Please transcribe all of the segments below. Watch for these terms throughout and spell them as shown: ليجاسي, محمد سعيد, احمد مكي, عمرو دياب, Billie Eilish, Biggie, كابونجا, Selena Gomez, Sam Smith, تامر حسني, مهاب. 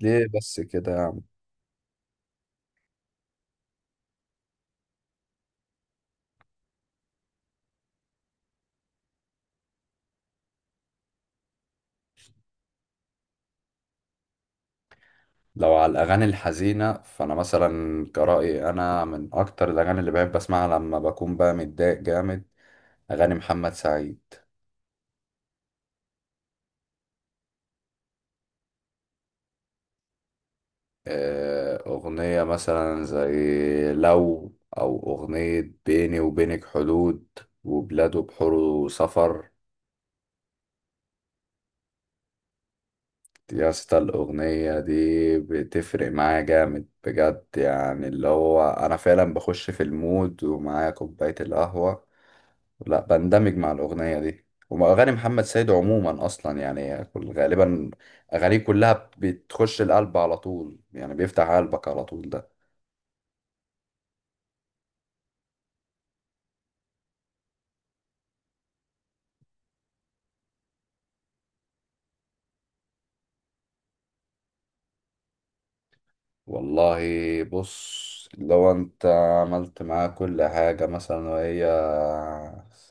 ليه بس كده يا عم؟ لو على الأغاني الحزينة فأنا مثلا كرأيي أنا من أكتر الأغاني اللي بحب أسمعها لما بكون بقى متضايق جامد، أغاني محمد سعيد. أغنية مثلا زي لو، أو أغنية بيني وبينك حدود وبلاد وبحور سفر. يا اسطى الأغنية دي بتفرق معايا جامد بجد، يعني اللي هو أنا فعلا بخش في المود ومعايا كوباية القهوة. لا، بندمج مع الأغنية دي، وأغاني محمد سيد عموما أصلا يعني كل غالبا أغانيه كلها بتخش القلب على طول، يعني بيفتح قلبك على طول ده. والله، بص، لو أنت عملت معاه كل حاجة مثلا وهي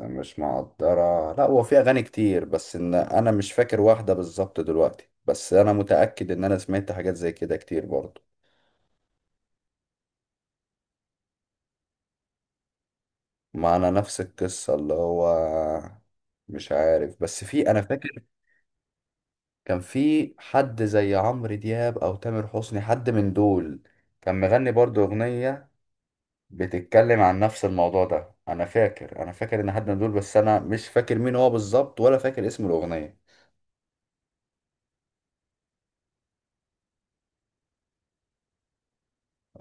مش مقدرة، لا هو في أغاني كتير، بس إن أنا مش فاكر واحدة بالظبط دلوقتي، بس أنا متأكد إن أنا سمعت حاجات زي كده كتير برضه. معنا نفس القصة اللي هو مش عارف، بس في انا فاكر كان في حد زي عمرو دياب او تامر حسني، حد من دول كان مغني برضو اغنية بتتكلم عن نفس الموضوع ده. انا فاكر ان حد من دول، بس انا مش فاكر مين هو بالظبط ولا فاكر اسم الاغنية.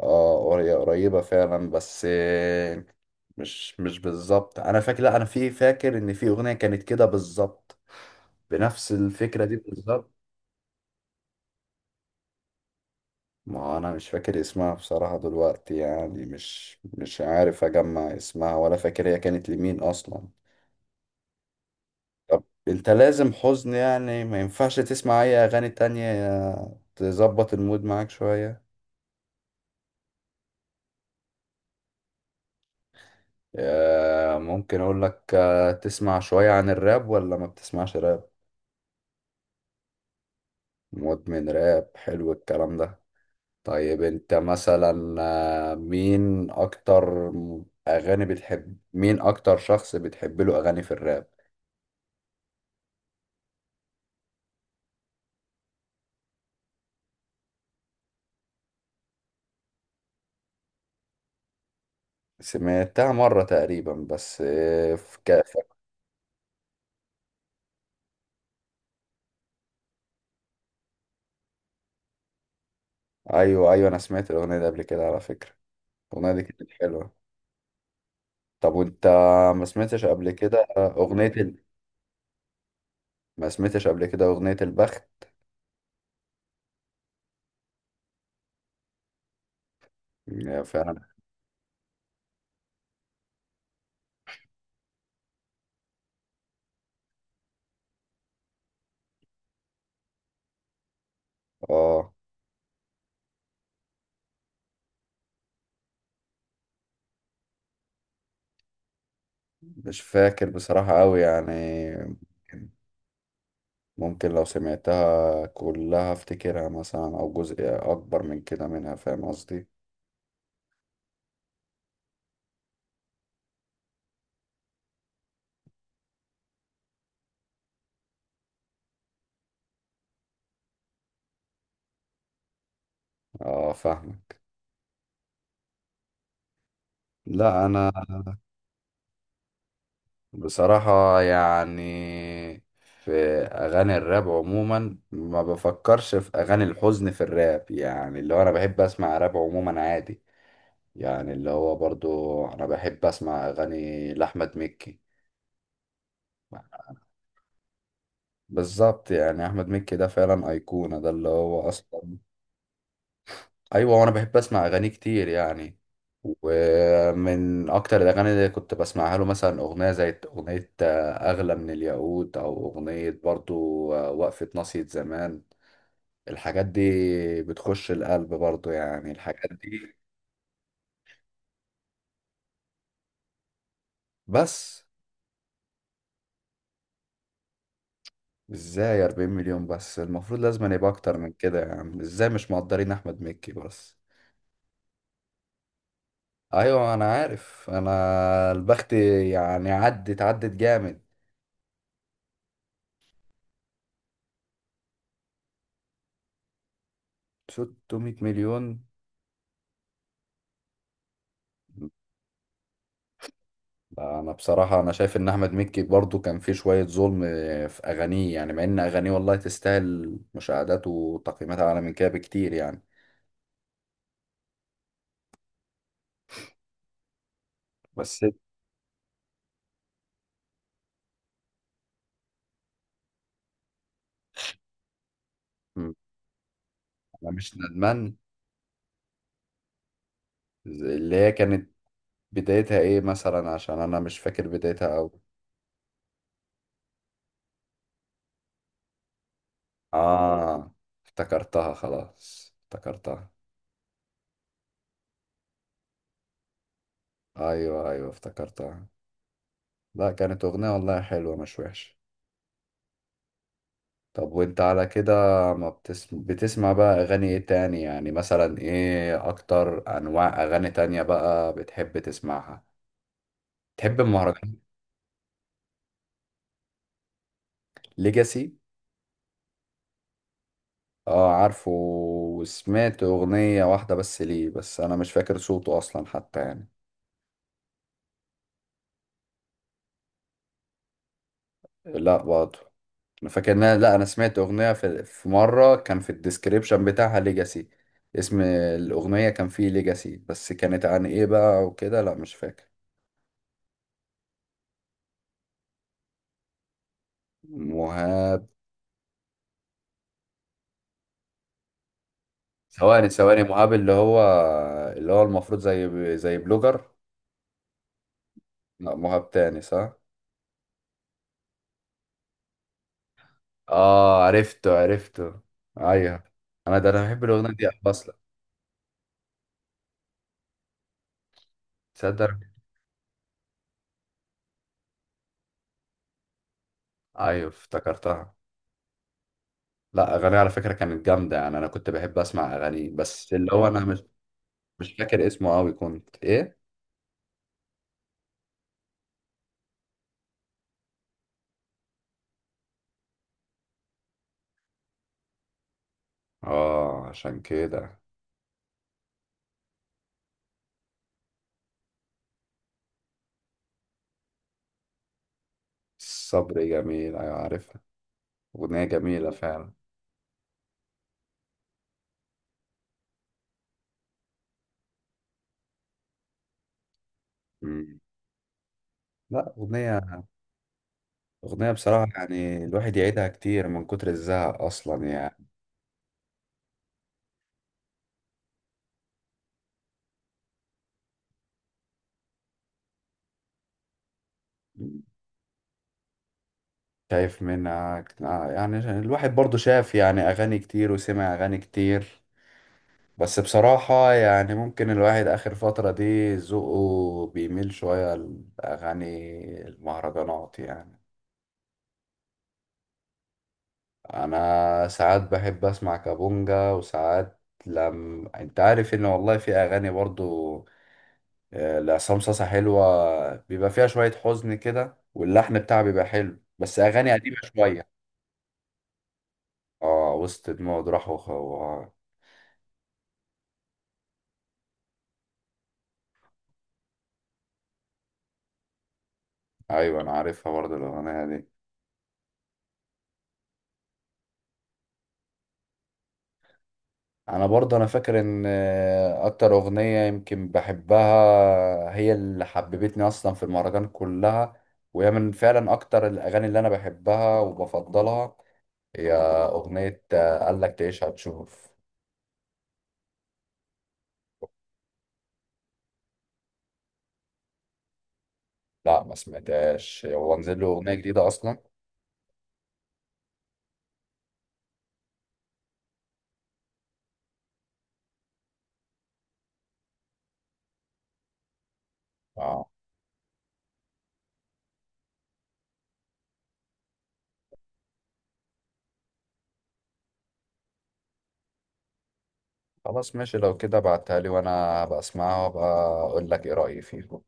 اه، قريبة فعلا، بس مش بالظبط. انا فاكر، لا انا في فاكر ان في اغنية كانت كده بالظبط، بنفس الفكرة دي بالظبط. ما انا مش فاكر اسمها بصراحة دلوقتي، يعني مش عارف اجمع اسمها ولا فاكر هي كانت لمين اصلا. طب انت لازم حزن يعني، ما ينفعش تسمع اي اغاني تانية تظبط المود معاك شوية؟ ممكن اقول لك، تسمع شوية عن الراب ولا ما بتسمعش راب؟ مدمن راب، حلو الكلام ده. طيب انت مثلا، مين اكتر اغاني بتحب، مين اكتر شخص بتحب له اغاني في الراب؟ سمعتها مرة تقريبا بس، في كافة. ايوه ايوه، انا سمعت الاغنية دي قبل كده على فكرة. الاغنية دي كانت حلوة. طب وانت ما سمعتش قبل كده اغنية ال... ما سمعتش قبل كده اغنية البخت؟ يا فعلا. اه، مش فاكر بصراحة قوي يعني. ممكن ممكن لو سمعتها كلها افتكرها مثلا، او جزء اكبر من كده منها، فاهم قصدي؟ اه فاهمك. لا انا بصراحة يعني في اغاني الراب عموما ما بفكرش في اغاني الحزن في الراب، يعني اللي هو انا بحب اسمع راب عموما عادي. يعني اللي هو برضو انا بحب اسمع اغاني لاحمد مكي. بالظبط، يعني احمد مكي ده فعلا ايقونة، ده اللي هو اصلا. ايوه، وانا بحب اسمع اغاني كتير يعني. ومن اكتر الاغاني اللي كنت بسمعها له مثلا اغنية زي اغنية اغلى من الياقوت، او اغنية برضو وقفة ناصية زمان. الحاجات دي بتخش القلب برضو، يعني الحاجات دي. بس ازاي 40 مليون بس؟ المفروض لازم أن يبقى اكتر من كده يعني. ازاي مش مقدرين احمد مكي بس؟ ايوه انا عارف، انا البخت يعني عدت عدت جامد. 600 مليون؟ لا، انا بصراحة انا شايف ان احمد مكي برضو كان فيه شوية ظلم في اغانيه، يعني مع ان اغانيه والله تستاهل مشاهدات وتقييمات اعلى من كده بكتير يعني. بس. مم. انا مش ندمان، اللي هي كانت بدايتها ايه مثلا؟ عشان انا مش فاكر بدايتها. آه، افتكرتها، خلاص افتكرتها. أيوه أيوه افتكرتها. لا كانت أغنية والله حلوة، مش وحشة. طب وانت على كده، ما بتسمع بقى أغاني ايه تاني، يعني مثلا ايه أكتر أنواع أغاني تانية بقى بتحب تسمعها؟ تحب المهرجان؟ ليجاسي. اه عارفه، وسمعت أغنية واحدة بس ليه، بس أنا مش فاكر صوته أصلا حتى يعني. لا برضه. لا انا سمعت اغنيه في مره كان في الديسكريبشن بتاعها ليجاسي. اسم الاغنيه كان فيه ليجاسي، بس كانت عن ايه بقى وكده، لا مش فاكر. مهاب؟ ثواني ثواني، مهاب اللي هو المفروض زي بلوجر؟ لا مهاب تاني، صح. اه عرفته عرفته. ايوه. انا ده انا بحب الاغنيه دي أوي اصلا. تصدق. ايوه افتكرتها. لا اغاني على فكره كانت جامده، يعني انا كنت بحب اسمع اغاني، بس اللي هو انا مش فاكر اسمه قوي كنت ايه. اه عشان كده. الصبر جميل، ايوه عارفها. اغنية جميلة فعلا. مم. لا اغنية بصراحة يعني الواحد يعيدها كتير من كتر الزهق اصلا يعني. مم. شايف منها يعني الواحد برضو شاف يعني اغاني كتير وسمع اغاني كتير. بس بصراحة يعني، ممكن الواحد اخر فترة دي ذوقه بيميل شوية لاغاني المهرجانات يعني. انا ساعات بحب اسمع كابونجا وساعات. لم انت عارف ان والله في اغاني برضو لعصام صاصا حلوه، بيبقى فيها شويه حزن كده واللحن بتاعها بيبقى حلو، بس اغاني قديمه شويه. اه، وسط دموع راح. ايوه انا عارفها برضو الاغنيه دي. انا برضو انا فاكر ان اكتر اغنيه يمكن بحبها هي اللي حببتني اصلا في المهرجان كلها، وهي من فعلا اكتر الاغاني اللي انا بحبها وبفضلها. هي أغنية قال لك تعيش هتشوف. لا ما سمعتهاش، هو نزل له أغنية جديدة أصلا؟ اه خلاص ماشي، لو كده بعتها لي وأنا هبقى أسمعها وأبقى أقول لك إيه رأيي فيها.